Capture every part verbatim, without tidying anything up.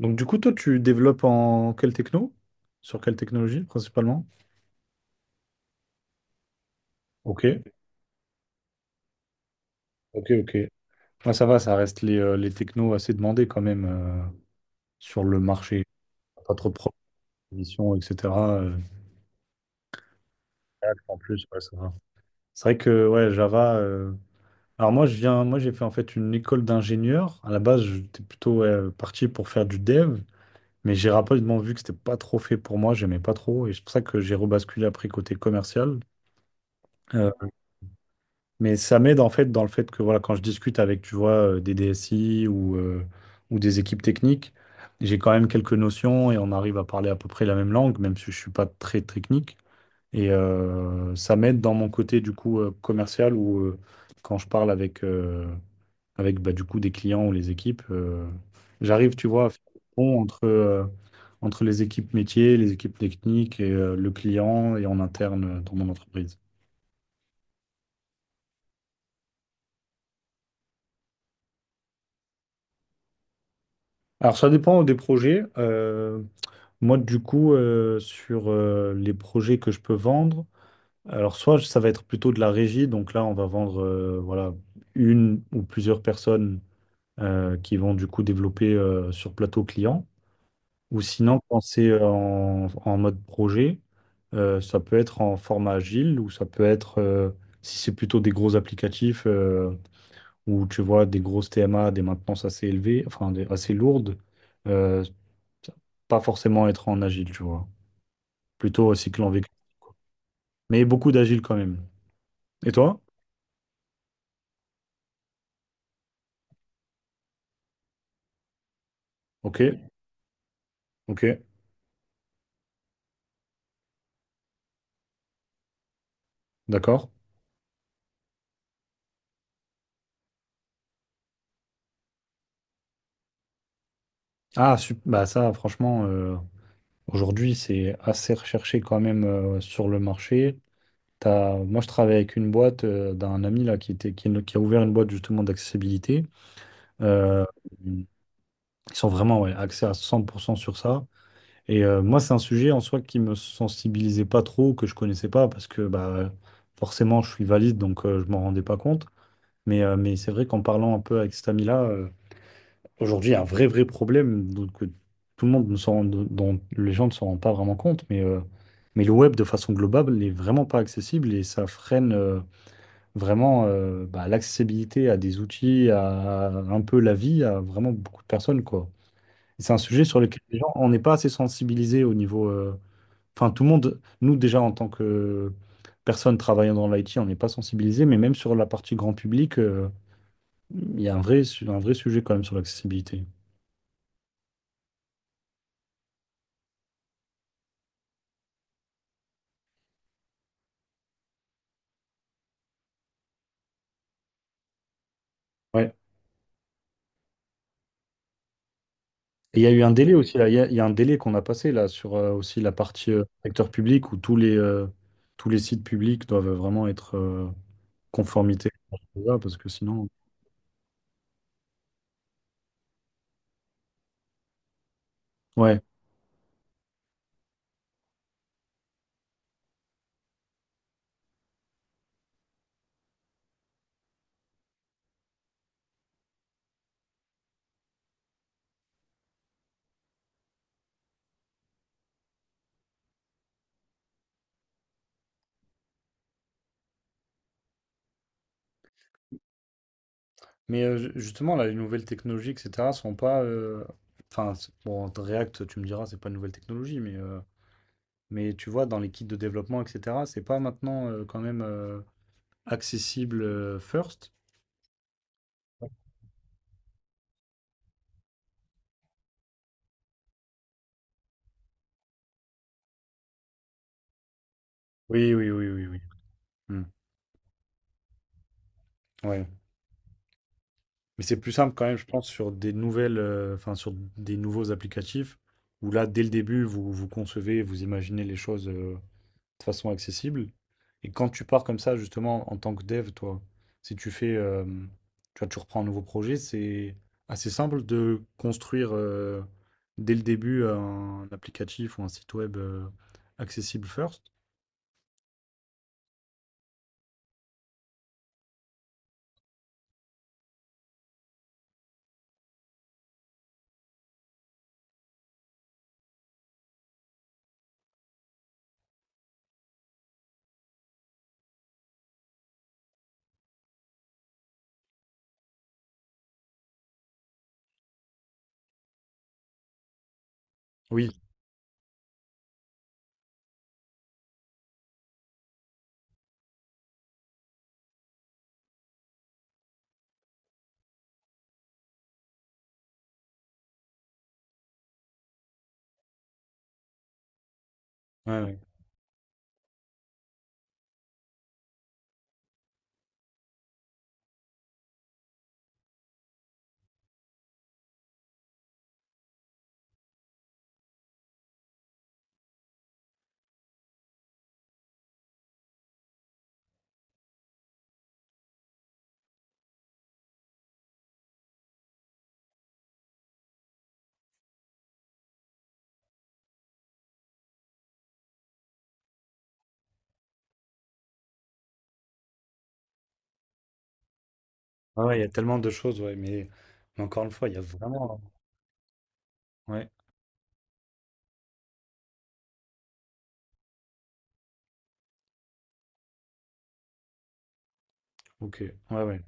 Donc du coup, toi, tu développes en quelle techno? Sur quelle technologie principalement? Ok, ok, ok. Ah, ça va, ça reste les, euh, les technos assez demandés quand même, euh, sur le marché. Pas trop de propositions, et cetera euh, React en plus, ouais, ça va. C'est vrai que ouais, Java. euh, Alors moi, je viens, moi j'ai fait en fait une école d'ingénieur. À la base, j'étais plutôt ouais, parti pour faire du dev, mais j'ai rapidement vu que c'était pas trop fait pour moi. J'aimais pas trop, et c'est pour ça que j'ai rebasculé après côté commercial. Euh, Mais ça m'aide en fait dans le fait que voilà, quand je discute avec, tu vois, euh, des D S I ou, euh, ou des équipes techniques, j'ai quand même quelques notions et on arrive à parler à peu près la même langue, même si je suis pas très technique. Et euh, ça m'aide dans mon côté du coup euh, commercial où euh, quand je parle avec, euh, avec bah, du coup des clients ou les équipes, euh, j'arrive, tu vois, à faire le pont entre, euh, entre les équipes métiers, les équipes techniques et euh, le client et en interne euh, dans mon entreprise. Alors, ça dépend des projets. Euh, moi, du coup, euh, sur euh, les projets que je peux vendre, alors soit ça va être plutôt de la régie, donc là, on va vendre euh, voilà, une ou plusieurs personnes euh, qui vont du coup développer euh, sur plateau client. Ou sinon, quand c'est euh, en, en mode projet, euh, ça peut être en format agile ou ça peut être, euh, si c'est plutôt des gros applicatifs euh, où tu vois des grosses T M A, des maintenances assez élevées, enfin des- assez lourdes. euh, pas forcément être en agile, tu vois. Plutôt cycle en V, quoi. Mais beaucoup d'agile quand même. Et toi? Ok, ok, d'accord. Ah, sup- bah ça, franchement, euh, aujourd'hui, c'est assez recherché quand même, euh, sur le marché. T'as- Moi, je travaille avec une boîte euh, d'un ami là, qui était, qui, qui a ouvert une boîte justement d'accessibilité. Euh, ils sont vraiment ouais, axés à cent pour cent sur ça. Et euh, moi, c'est un sujet en soi qui me sensibilisait pas trop, que je connaissais pas, parce que bah, forcément, je suis valide, donc euh, je m'en rendais pas compte. Mais, euh, mais c'est vrai qu'en parlant un peu avec cet ami-là, euh, aujourd'hui, il y a un vrai, vrai problème donc, que tout le monde ne s'en rend- dont les gens ne s'en rendent pas vraiment compte. Mais, euh, mais le web, de façon globale, n'est vraiment pas accessible et ça freine euh, vraiment euh, bah, l'accessibilité à des outils, à, un peu la vie, à vraiment beaucoup de personnes, quoi. Et c'est un sujet sur lequel les gens, on n'est pas assez sensibilisés au niveau. euh, Enfin, tout le monde, nous déjà en tant que personne travaillant dans l'I T, on n'est pas sensibilisé, mais même sur la partie grand public, euh, il y a un vrai, su- un vrai sujet quand même sur l'accessibilité. Ouais. Et il y a eu un délai aussi, là. Il y a, il y a un délai qu'on a passé là sur euh, aussi la partie euh, secteur public où tous les, euh, tous les sites publics doivent vraiment être euh, conformité. Voilà. Parce que sinon. Ouais. Mais euh, ju- justement, là, les nouvelles technologies, et cetera, sont pas. euh, Enfin, c'est- bon, React, tu me diras, c'est pas une nouvelle technologie, mais. euh, Mais tu vois, dans les kits de développement, et cetera, c'est pas maintenant, euh, quand même, euh, accessible, euh, first? Oui, oui, oui, oui, oui. Hmm, ouais. Mais c'est plus simple quand même, je pense, sur des nouvelles, euh, enfin, sur des nouveaux applicatifs, où là, dès le début, vous, vous concevez, vous imaginez les choses, euh, de façon accessible. Et quand tu pars comme ça, justement, en tant que dev, toi, si tu fais, euh, tu vois, tu reprends un nouveau projet, c'est assez simple de construire, euh, dès le début un applicatif ou un site web, euh, accessible first. Oui, ouais, ouais. Ah ouais, il y a tellement de choses, ouais, mais, mais encore une fois, il y a vraiment. Ouais, ok, ouais, ouais.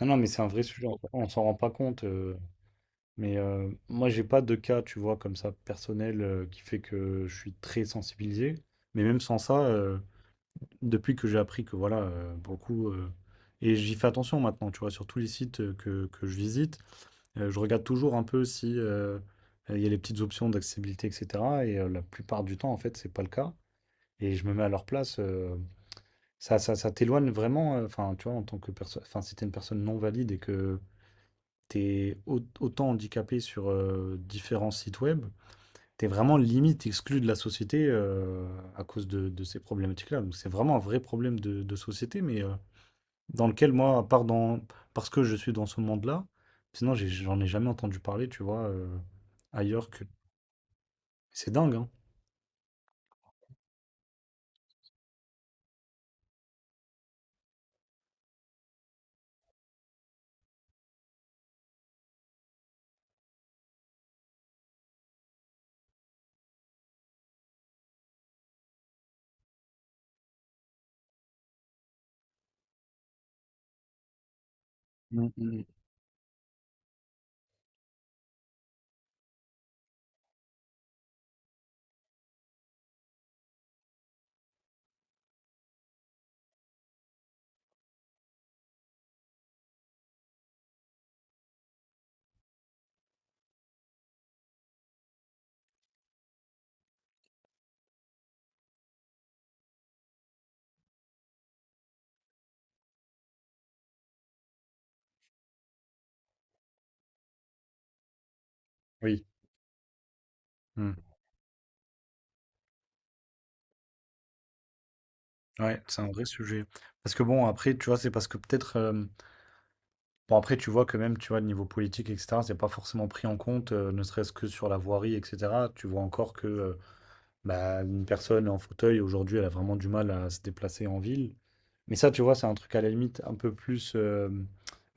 Non, non, mais c'est un vrai sujet, on s'en rend pas compte. euh, Mais euh, moi, j'ai pas de cas, tu vois, comme ça, personnel, euh, qui fait que je suis très sensibilisé. Mais même sans ça, euh, depuis que j'ai appris que voilà, euh, pour le coup, euh, et j'y fais attention maintenant, tu vois, sur tous les sites, euh, que, que je visite, euh, je regarde toujours un peu si euh, euh, il y a les petites options d'accessibilité, et cetera. Et euh, la plupart du temps, en fait, c'est pas le cas. Et je me mets à leur place. euh, ça, ça, ça t'éloigne vraiment, euh, enfin, tu vois, en tant que personne, enfin, si t'es une personne non valide et que T'es au- autant handicapé sur euh, différents sites web, t'es vraiment limite exclu de la société, euh, à cause de, de ces problématiques-là. Donc c'est vraiment un vrai problème de, de société, mais euh, dans lequel moi, à part dans, parce que je suis dans ce monde-là, sinon j'ai- j'en ai jamais entendu parler, tu vois, euh, ailleurs que... C'est dingue, hein? Mm, mm. Oui. Mm. Ouais, c'est un vrai sujet. Parce que bon, après, tu vois, c'est parce que peut-être... euh, Bon, après, tu vois que même, tu vois, le niveau politique, et cetera, c'est pas forcément pris en compte, heu, ne serait-ce que sur la voirie, et cetera. Tu vois encore que, heu, bah, une personne en fauteuil, aujourd'hui, elle a vraiment du mal à se déplacer en ville. Mais ça, tu vois, c'est un truc à la limite un peu plus, hem,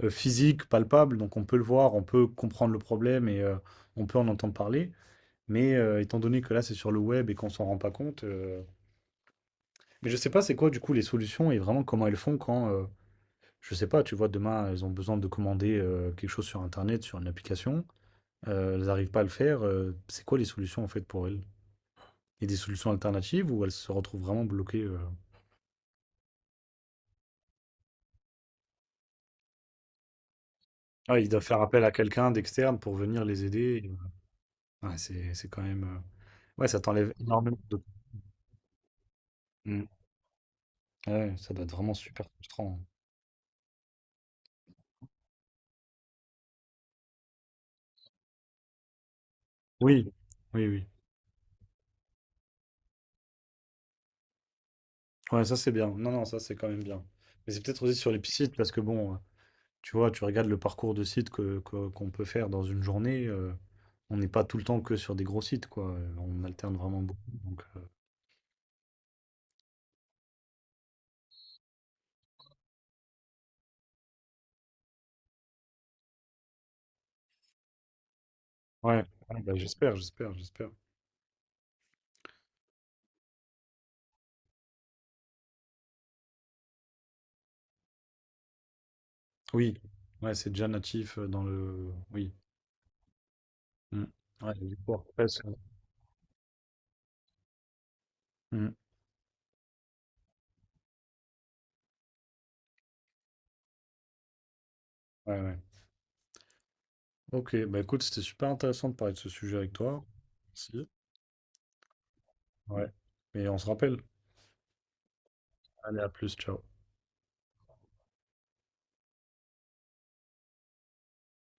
heu, physique, palpable, donc on peut le voir, on peut comprendre le problème et heu, on peut en entendre parler. Mais heu, étant donné que là, c'est sur le web et qu'on s'en rend pas compte, heu mais je sais pas c'est quoi, du coup, les solutions et vraiment comment elles font quand, euh, je sais pas, tu vois, demain, elles ont besoin de commander, heu, quelque chose sur internet, sur une application, heu, elles arrivent pas à le faire, heu, c'est quoi les solutions, en fait, pour elles? Il y a des solutions alternatives ou elles se retrouvent vraiment bloquées, heu? Ah, ils doivent faire appel à quelqu'un d'externe pour venir les aider. Ouais, c'est c'est quand même, heu, ouais, ça t'enlève énormément de. Mmh. Ah ouais, ça doit être vraiment super frustrant. Oui, oui, oui. Ouais, ça, c'est bien. Non, non, ça, c'est quand même bien. Mais c'est peut-être aussi sur les p parce que bon, tu vois, tu regardes le parcours de sites que, que- qu'on peut faire dans une journée, euh, on n'est pas tout le temps que sur des gros sites, quoi. Euh, On alterne vraiment beaucoup. Donc, euh, ouais. Ouais, bah, j'espère, j'espère, j'espère. Oui, ouais, c'est déjà natif euh, dans le. Oui. Mm. Ouais, il y a du WordPress. euh. Mm. Ouais, ouais. Ok, bah écoute, c'était super intéressant de parler de ce sujet avec toi. Merci. Ouais. Et on se rappelle. Allez, à plus, ciao.